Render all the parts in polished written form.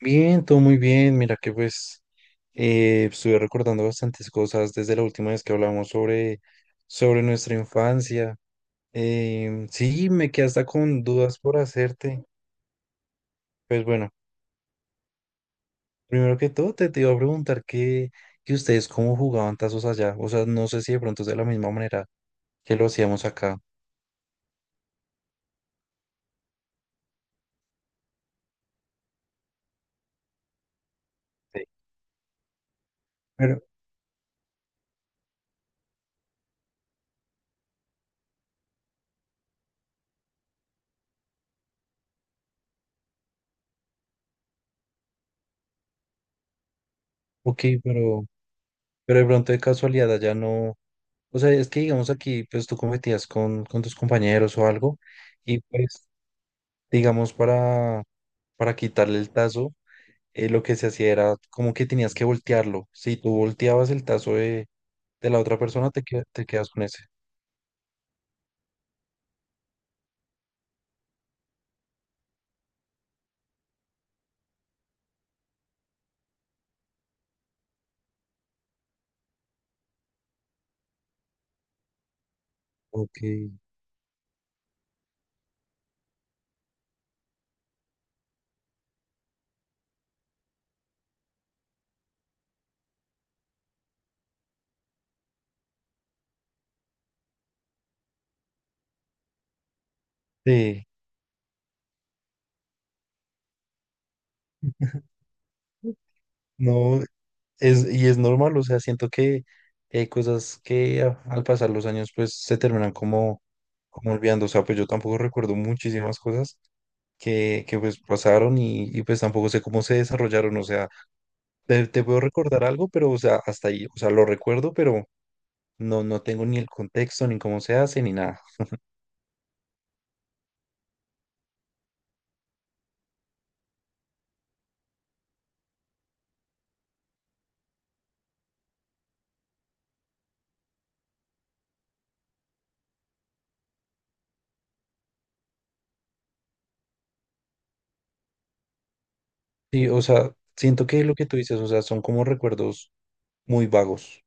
Bien, todo muy bien. Mira que pues estuve recordando bastantes cosas desde la última vez que hablamos sobre nuestra infancia. Sí, me quedé hasta con dudas por hacerte. Pues bueno, primero que todo te iba a preguntar que ustedes cómo jugaban tazos allá. O sea, no sé si de pronto es de la misma manera que lo hacíamos acá. Sí. Pero, ok, pero de pronto de casualidad allá no. O sea, es que digamos aquí, pues tú competías con tus compañeros o algo. Y pues digamos, para quitarle el tazo, lo que se hacía era como que tenías que voltearlo. Si tú volteabas el tazo de la otra persona, te quedas con ese. Ok. Sí, no, es, y es normal, o sea, siento que hay cosas que al pasar los años pues se terminan como olvidando, o sea, pues yo tampoco recuerdo muchísimas cosas que pues pasaron y pues tampoco sé cómo se desarrollaron, o sea, te puedo recordar algo, pero o sea, hasta ahí, o sea, lo recuerdo, pero no, no tengo ni el contexto, ni cómo se hace, ni nada. Sí, o sea, siento que lo que tú dices, o sea, son como recuerdos muy vagos.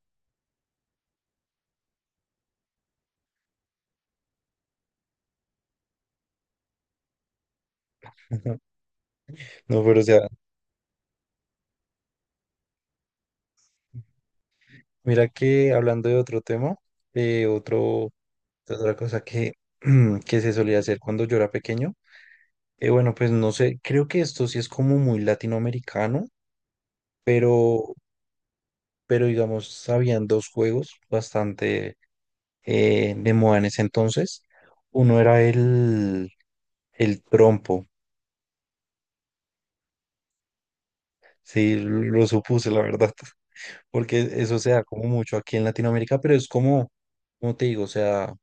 Ujú. No, pero o sea, mira que hablando de otro tema, eh, otro, de otra cosa que se solía hacer cuando yo era pequeño, bueno, pues no sé, creo que esto sí es como muy latinoamericano, pero, pero digamos, habían dos juegos bastante de moda en ese entonces. Uno era el trompo. Sí, lo supuse, la verdad, porque eso se da como mucho aquí en Latinoamérica, pero es como, como te digo, o sea,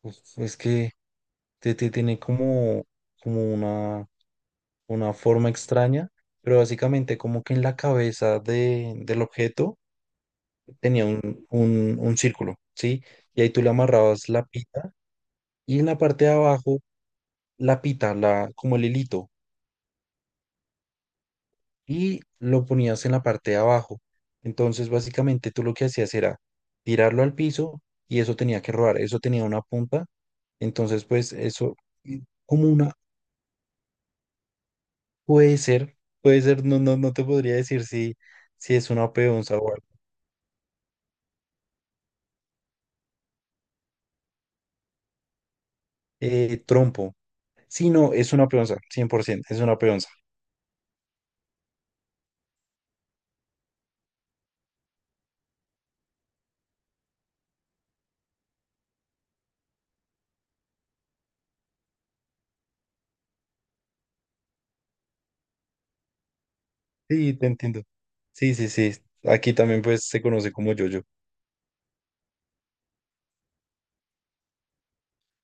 pues, es que te tiene como, como una forma extraña, pero básicamente como que en la cabeza del objeto tenía un un círculo, ¿sí? Y ahí tú le amarrabas la pita y en la parte de abajo la pita, la, como el hilito, y lo ponías en la parte de abajo. Entonces, básicamente tú lo que hacías era tirarlo al piso y eso tenía que rodar, eso tenía una punta. Entonces, pues eso y como una puede ser, no, no te podría decir si es una peonza o algo. Trompo. Sí, no, es una peonza, 100%, es una peonza. Sí, te entiendo. Sí, sí, sí. Aquí también pues se conoce como yo.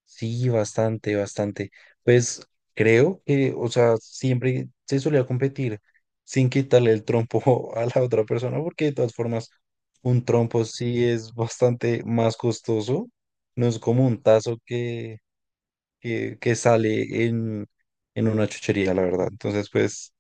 Sí, bastante, bastante. Pues creo que, o sea, siempre se solía competir sin quitarle el trompo a la otra persona, porque de todas formas, un trompo sí es bastante más costoso. No es como un tazo que sale en una chuchería, la verdad. Entonces, pues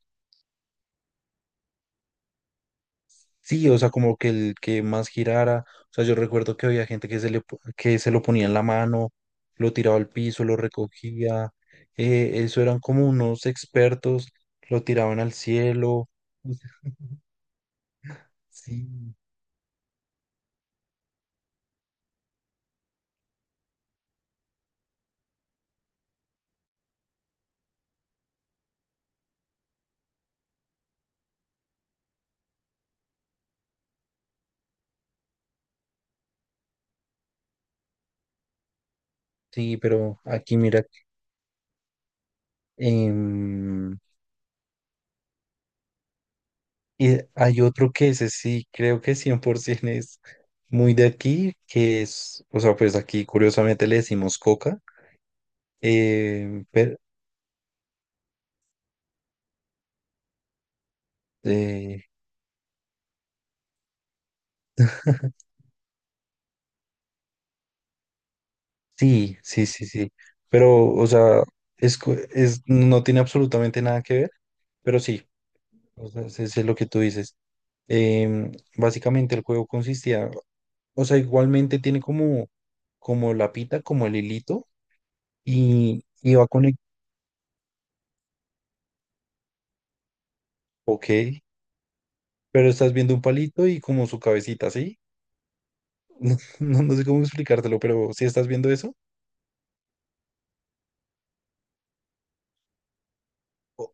sí, o sea, como que el que más girara, o sea, yo recuerdo que había gente que se le, que se lo ponía en la mano, lo tiraba al piso, lo recogía, eso eran como unos expertos, lo tiraban al cielo. O sea, sí, sí, pero aquí mira, em, y hay otro que ese sí, creo que 100% es muy de aquí, que es, o sea, pues aquí curiosamente le decimos coca, eh, pero, eh, Sí, sí, sí, sí. Pero, o sea, es, no tiene absolutamente nada que ver, pero sí, o sea, es lo que tú dices. Em, Básicamente el juego consistía, o sea, igualmente tiene como, como la pita, como el hilito, y va con el, ok, pero estás viendo un palito y como su cabecita, ¿sí? No, no sé cómo explicártelo, pero si estás viendo eso, o-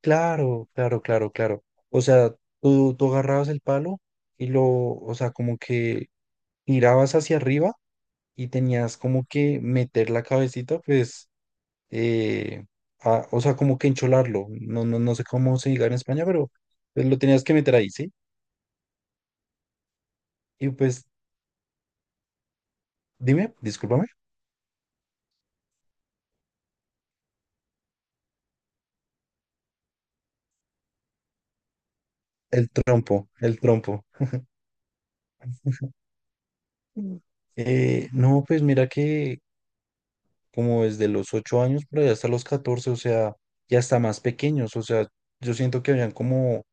claro, claro, claro, claro. O sea, tú agarrabas el palo y lo, o sea, como que girabas hacia arriba y tenías como que meter la cabecita, pues, eh, o sea, como que encholarlo. No, no sé cómo se diga en España, pero pues, lo tenías que meter ahí, ¿sí? Y pues, dime, discúlpame, el trompo. Mm. No, pues mira que como desde los 8 años, pero ya hasta los 14 o sea, ya hasta más pequeños, o sea, yo siento que habían como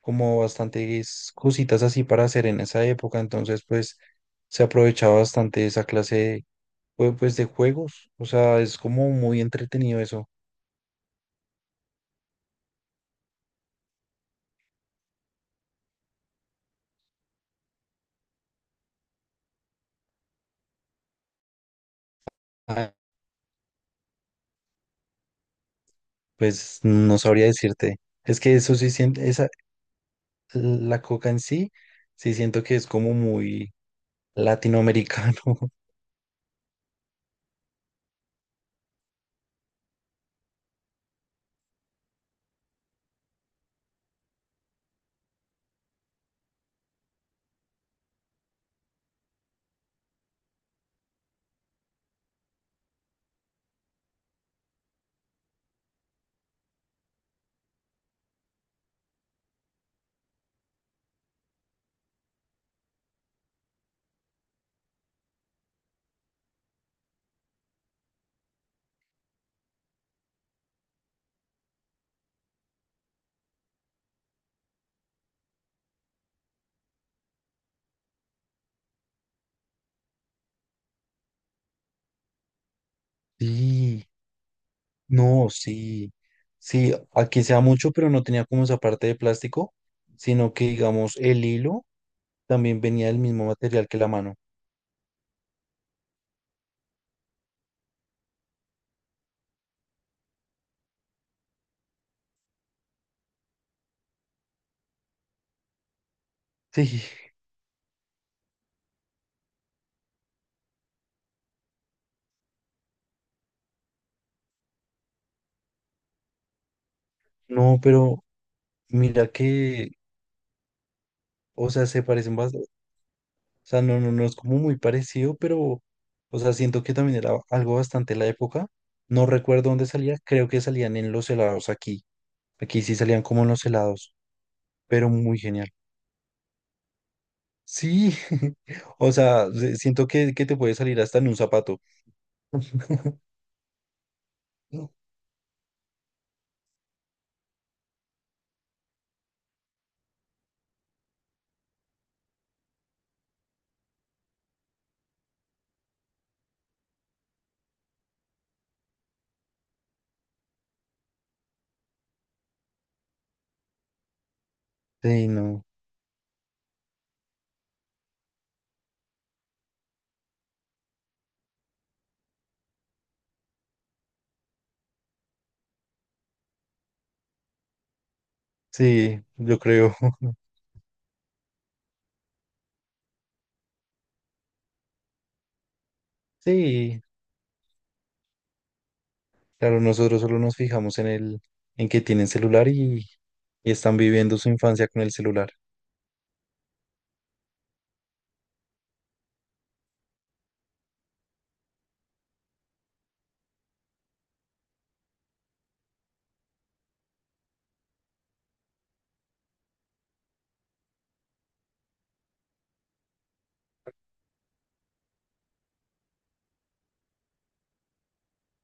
como bastantes cositas así para hacer en esa época, entonces pues se aprovechaba bastante esa clase de, pues, de juegos, o sea, es como muy entretenido eso. Ah, pues no sabría decirte, es que eso sí siento, esa, la coca en sí, sí siento que es como muy latinoamericano. Sí, no, sí, sí, aquí se da mucho, pero no tenía como esa parte de plástico, sino que digamos el hilo también venía del mismo material que la mano. Sí, no, pero mira o sea, se parecen bastante, o sea, no, no es como muy parecido, pero, o sea, siento que también era algo bastante la época. No recuerdo dónde salía, creo que salían en los helados aquí. Aquí sí salían como en los helados, pero muy genial. Sí, o sea, siento que te puede salir hasta en un zapato. No. Sí, no, sí, yo creo. Sí, claro, nosotros solo nos fijamos en en que tienen celular y están viviendo su infancia con el celular.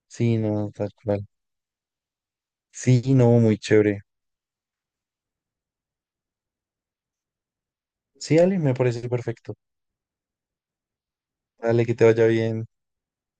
Sí, no, tal cual. Sí, no, muy chévere. Sí, Ale, me parece perfecto. Dale, que te vaya bien.